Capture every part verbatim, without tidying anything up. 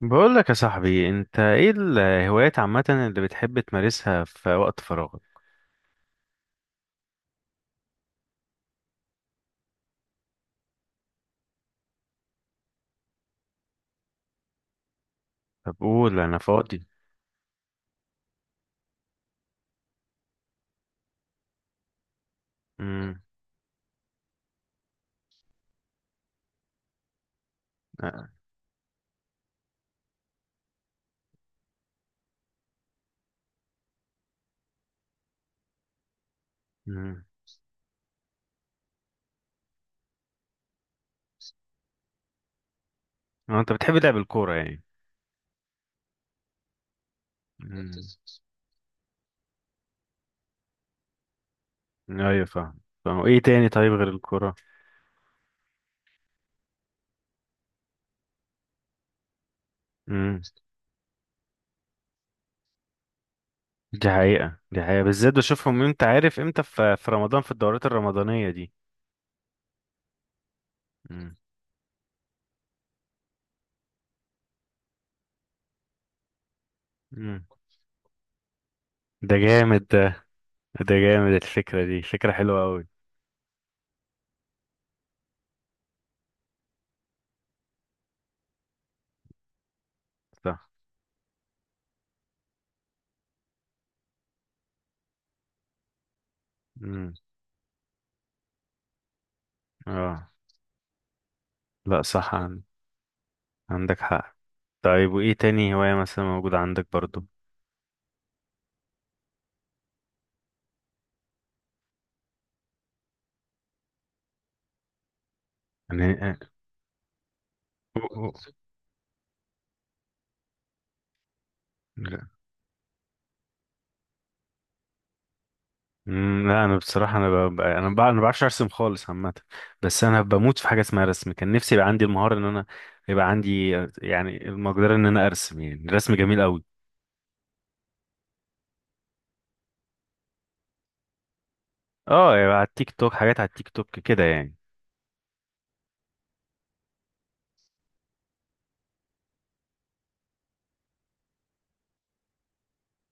بقول لك يا صاحبي، انت ايه الهوايات عامة اللي بتحب تمارسها في وقت فراغك؟ طب قول، انا فاضي. امم. امم. انت بتحب لعب الكورة يعني؟ امم. ايوه، فاهم. فاهم ايه تاني؟ طيب غير الكورة؟ امم. دي حقيقة، دي حقيقة، بالذات بشوفهم. انت عارف امتى؟ في في رمضان، في الدورات الرمضانية دي. امم. امم. ده جامد ده. ده جامد، الفكرة دي فكرة حلوة قوي. صح. امم. اه، لا، صح. عن- عندك حق. طيب، وايه تاني هواية مثلا موجودة عندك برضو؟ يعني. أو- أو- لا. مم، لا، انا بصراحه، انا ب... ب- انا ب... انا ما بعرفش ارسم خالص عامه. بس انا بموت في حاجه اسمها رسم. كان نفسي يبقى عندي المهاره ان انا يبقى عندي، يعني المقدره ان انا ارسم. يعني الرسم جميل قوي. اه، يبقى على التيك توك، حاجات على التيك توك كده يعني.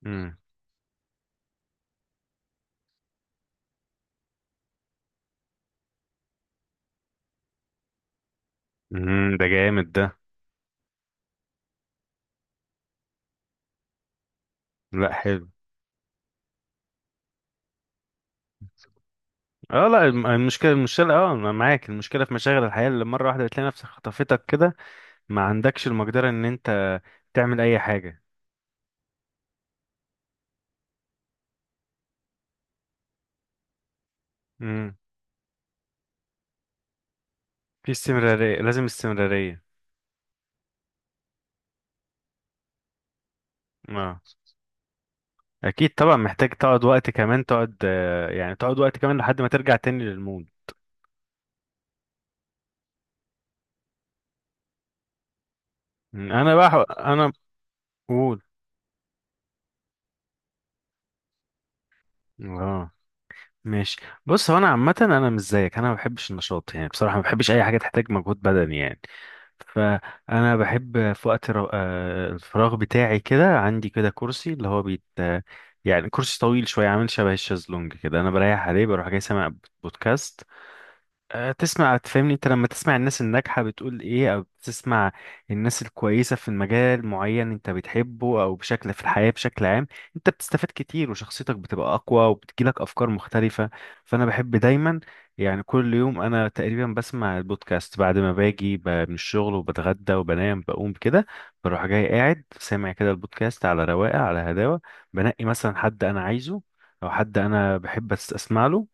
امم. امم. ده جامد ده. لا، حلو. اه، لا، الم- المشكله، المشكله، اه انا معاك. المشكله في مشاغل الحياه اللي مره واحده بتلاقي نفسك خطفتك كده، ما عندكش المقدره ان انت تعمل اي حاجه. امم. في استمراريه، لازم استمراريه. اه، اكيد طبعا، محتاج تقعد وقت كمان. تقعد آه، يعني تقعد وقت كمان لحد ما ترجع تاني للمود. انا بقى ح- انا بقول، اه، ماشي. بص، هو انا عامه انا مش زيك. انا ما بحبش النشاط، يعني بصراحه ما بحبش اي حاجه تحتاج مجهود بدني يعني. فانا بحب في وقت رو... آه، الفراغ بتاعي كده. عندي كده كرسي اللي هو بيت، آه، يعني كرسي طويل شويه عامل شبه الشازلونج كده. انا بريح عليه، بروح جاي سامع بودكاست. آه، تسمع، تفهمني؟ انت لما تسمع الناس الناجحة بتقول ايه، او بتسمع الناس الكويسة في المجال معين انت بتحبه او بشكل في الحياة بشكل عام، انت بتستفاد كتير، وشخصيتك بتبقى اقوى، وبتجيلك افكار مختلفة. فانا بحب دايما يعني. كل يوم انا تقريبا بسمع البودكاست بعد ما باجي ب- من الشغل وبتغدى وبنام، بقوم كده بروح جاي قاعد سامع كده البودكاست على رواقة، على هداوة. بنقي مثلا حد انا عايزه، او حد انا بحب أس- اسمع له،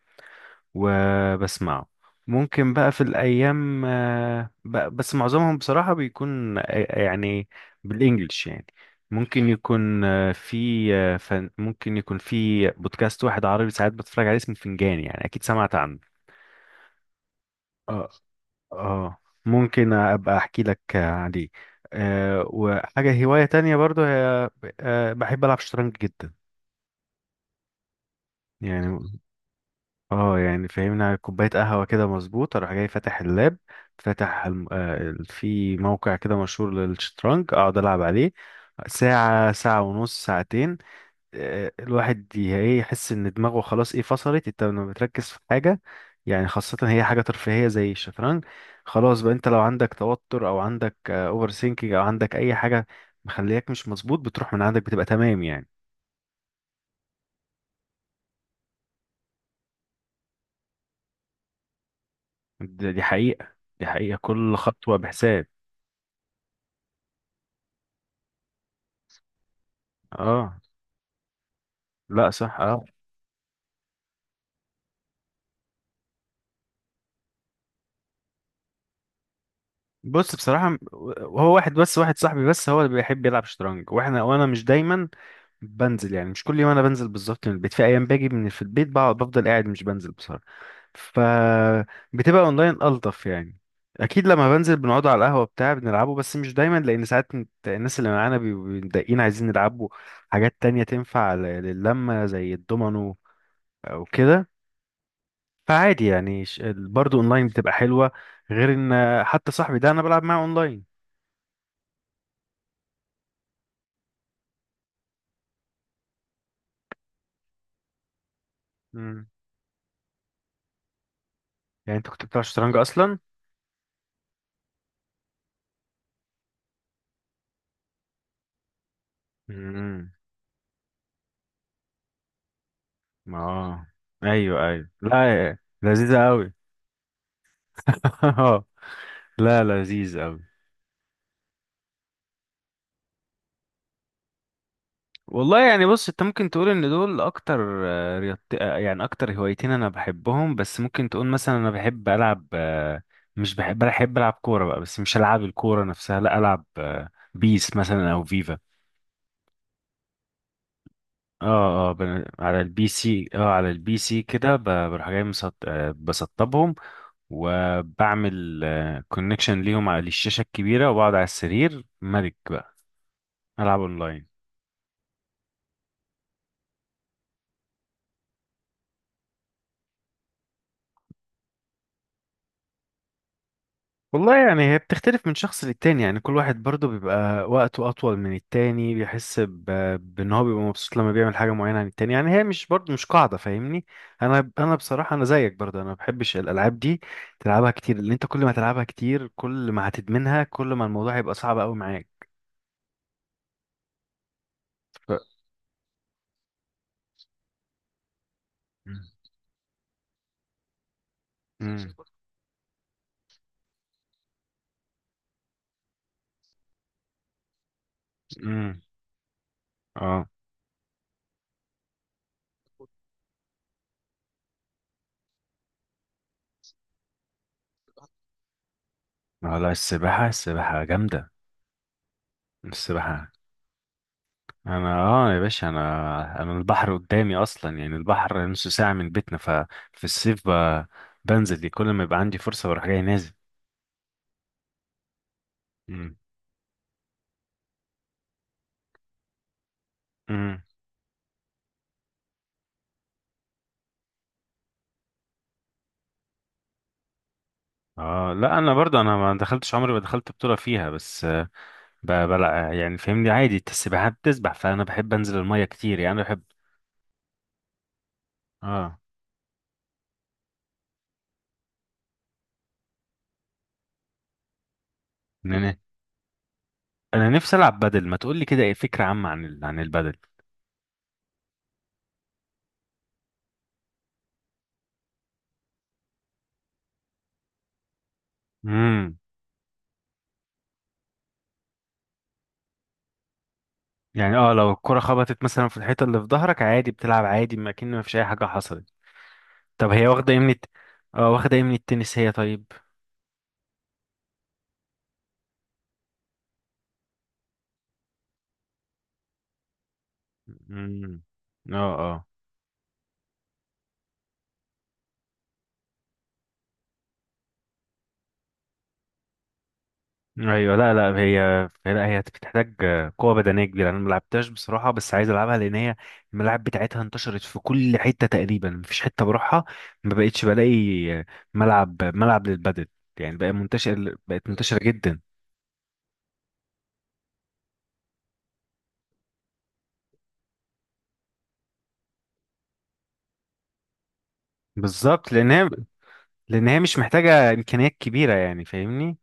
وبسمعه. ممكن بقى في الأيام، آه، ب- بس معظمهم بصراحة بيكون، آه، يعني، بالإنجلش يعني. ممكن يكون آه، في آه، فن ممكن يكون في بودكاست واحد عربي ساعات بتفرج عليه اسمه فنجان، يعني أكيد سمعت عنه. اه. اه. ممكن أبقى أحكي لك آه، عليه. آه، وحاجة هواية تانية برضو، هي آه، بحب ألعب شطرنج جدا يعني. اه، يعني فهمنا كوباية قهوة كده مظبوط، اروح جاي فاتح اللاب، فاتح الم... آه ال- في موقع كده مشهور للشطرنج، اقعد العب عليه ساعة، ساعة ونص، ساعتين. آه الواحد ي- ايه يحس ان دماغه خلاص، ايه فصلت. انت لما بتركز في حاجة يعني، خاصة هي حاجة ترفيهية زي الشطرنج، خلاص بقى، انت لو عندك توتر او عندك اوفر سينكينج او عندك اي حاجة مخلياك مش مظبوط، بتروح من عندك، بتبقى تمام يعني. د- دي حقيقة. دي حقيقة، كل خطوة بحساب. اه، لا، صح، اه. بص بصراحة، هو واحد، بس واحد صاحبي بس هو اللي بيحب يلعب شطرنج. واحنا وانا مش دايما بنزل يعني. مش كل يوم انا بنزل بالظبط من البيت. في ايام باجي من، في البيت بقعد بفضل قاعد مش بنزل بصراحة. فبتبقى اونلاين الطف يعني. اكيد لما بنزل بنقعد على القهوة بتاع بنلعبه، بس مش دايما، لان ساعات انت- الناس اللي معانا بيبقوا متضايقين عايزين يلعبوا حاجات تانية تنفع ل- للمة زي الدومينو او كده. فعادي يعني، ش- برضه اونلاين بتبقى حلوة. غير ان حتى صاحبي ده انا بلعب معاه اونلاين. مم. يعني انت كنت بتلعب شطرنج اصلا؟ امم. اه، ايوه، ايوه، لا، يا- لذيذه قوي. لا، لذيذ قوي. والله يعني، بص، انت ممكن تقول ان دول اكتر آه، رياضت... آه، يعني، اكتر هوايتين انا بحبهم. بس ممكن تقول مثلا، انا بحب العب، آه، مش بحب، بحب العب كوره بقى، بس مش العب الكوره نفسها، لا، العب آه، بيس مثلا او فيفا. اه، اه، بن- على البي سي، اه، على البي سي كده. ب- بروح جاي مسط... آه، بسطبهم، وبعمل كونكشن ليهم على الشاشة الكبيرة، وبقعد على السرير ملك بقى، ألعب أونلاين. والله يعني، هي بتختلف من شخص للتاني يعني. كل واحد برضه بيبقى وقته أطول من التاني، بيحس ب... بإن هو بيبقى مبسوط لما بيعمل حاجة معينة عن التاني. يعني هي مش برضه مش قاعدة، فاهمني؟ أنا أنا بصراحة، أنا زيك برضه، أنا ما بحبش الألعاب دي تلعبها كتير، لأن أنت كل ما تلعبها كتير كل ما هتدمنها، كل ما الموضوع هيبقى صعب أوي معاك. ف... مم. مم. اه، آه، لا، السباحة، السباحة جامدة. السباحة. أنا، آه يا باشا، أنا أنا البحر قدامي أصلا يعني. البحر نص ساعة من بيتنا. ففي الصيف ب... بنزل دي كل ما يبقى عندي فرصة، بروح جاي نازل. مم. مم. آه لا، أنا برضه، أنا ما دخلتش، عمري ما دخلت بطولة فيها، بس آه، ب... بلع يعني فاهمني عادي. أنت السباحة بتسبح، فأنا بحب أنزل المية كتير يعني. أنا بحب. آه إن أنا أنا نفسي ألعب بدل. ما تقول لي كده، إيه فكرة عامة عن ال... عن البدل؟ مم. يعني، اه، لو الكرة خبطت مثلا في الحيطة اللي في ظهرك، عادي بتلعب عادي، ما كأن ما فيش أي حاجة حصلت. طب هي واخدة ايه من الت... اه، واخدة ايه من التنس هي طيب؟ مم. اه، اه، ايوه. لا، لا، هي لا هي بتحتاج قوة بدنية كبيرة. انا ملعبتهاش بصراحة بس عايز العبها، لان هي الملاعب بتاعتها انتشرت في كل حتة تقريبا، مفيش حتة بروحها ما بقتش بلاقي ملعب، ملعب للبدل. يعني بقى منتشر، بقت منتشرة جدا. بالظبط، لان هي لان هي مش محتاجة امكانيات كبيرة يعني، فاهمني؟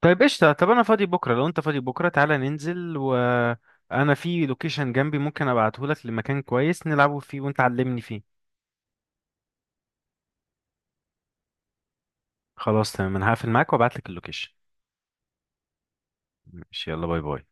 طيب، قشطة. طب أنا فاضي بكرة، لو أنت فاضي بكرة تعالى ننزل. وأنا في لوكيشن جنبي ممكن أبعتهولك لمكان كويس نلعبه فيه، وأنت علمني فيه. خلاص تمام، أنا هقفل معاك وأبعتلك اللوكيشن. ماشي، يلا، باي باي.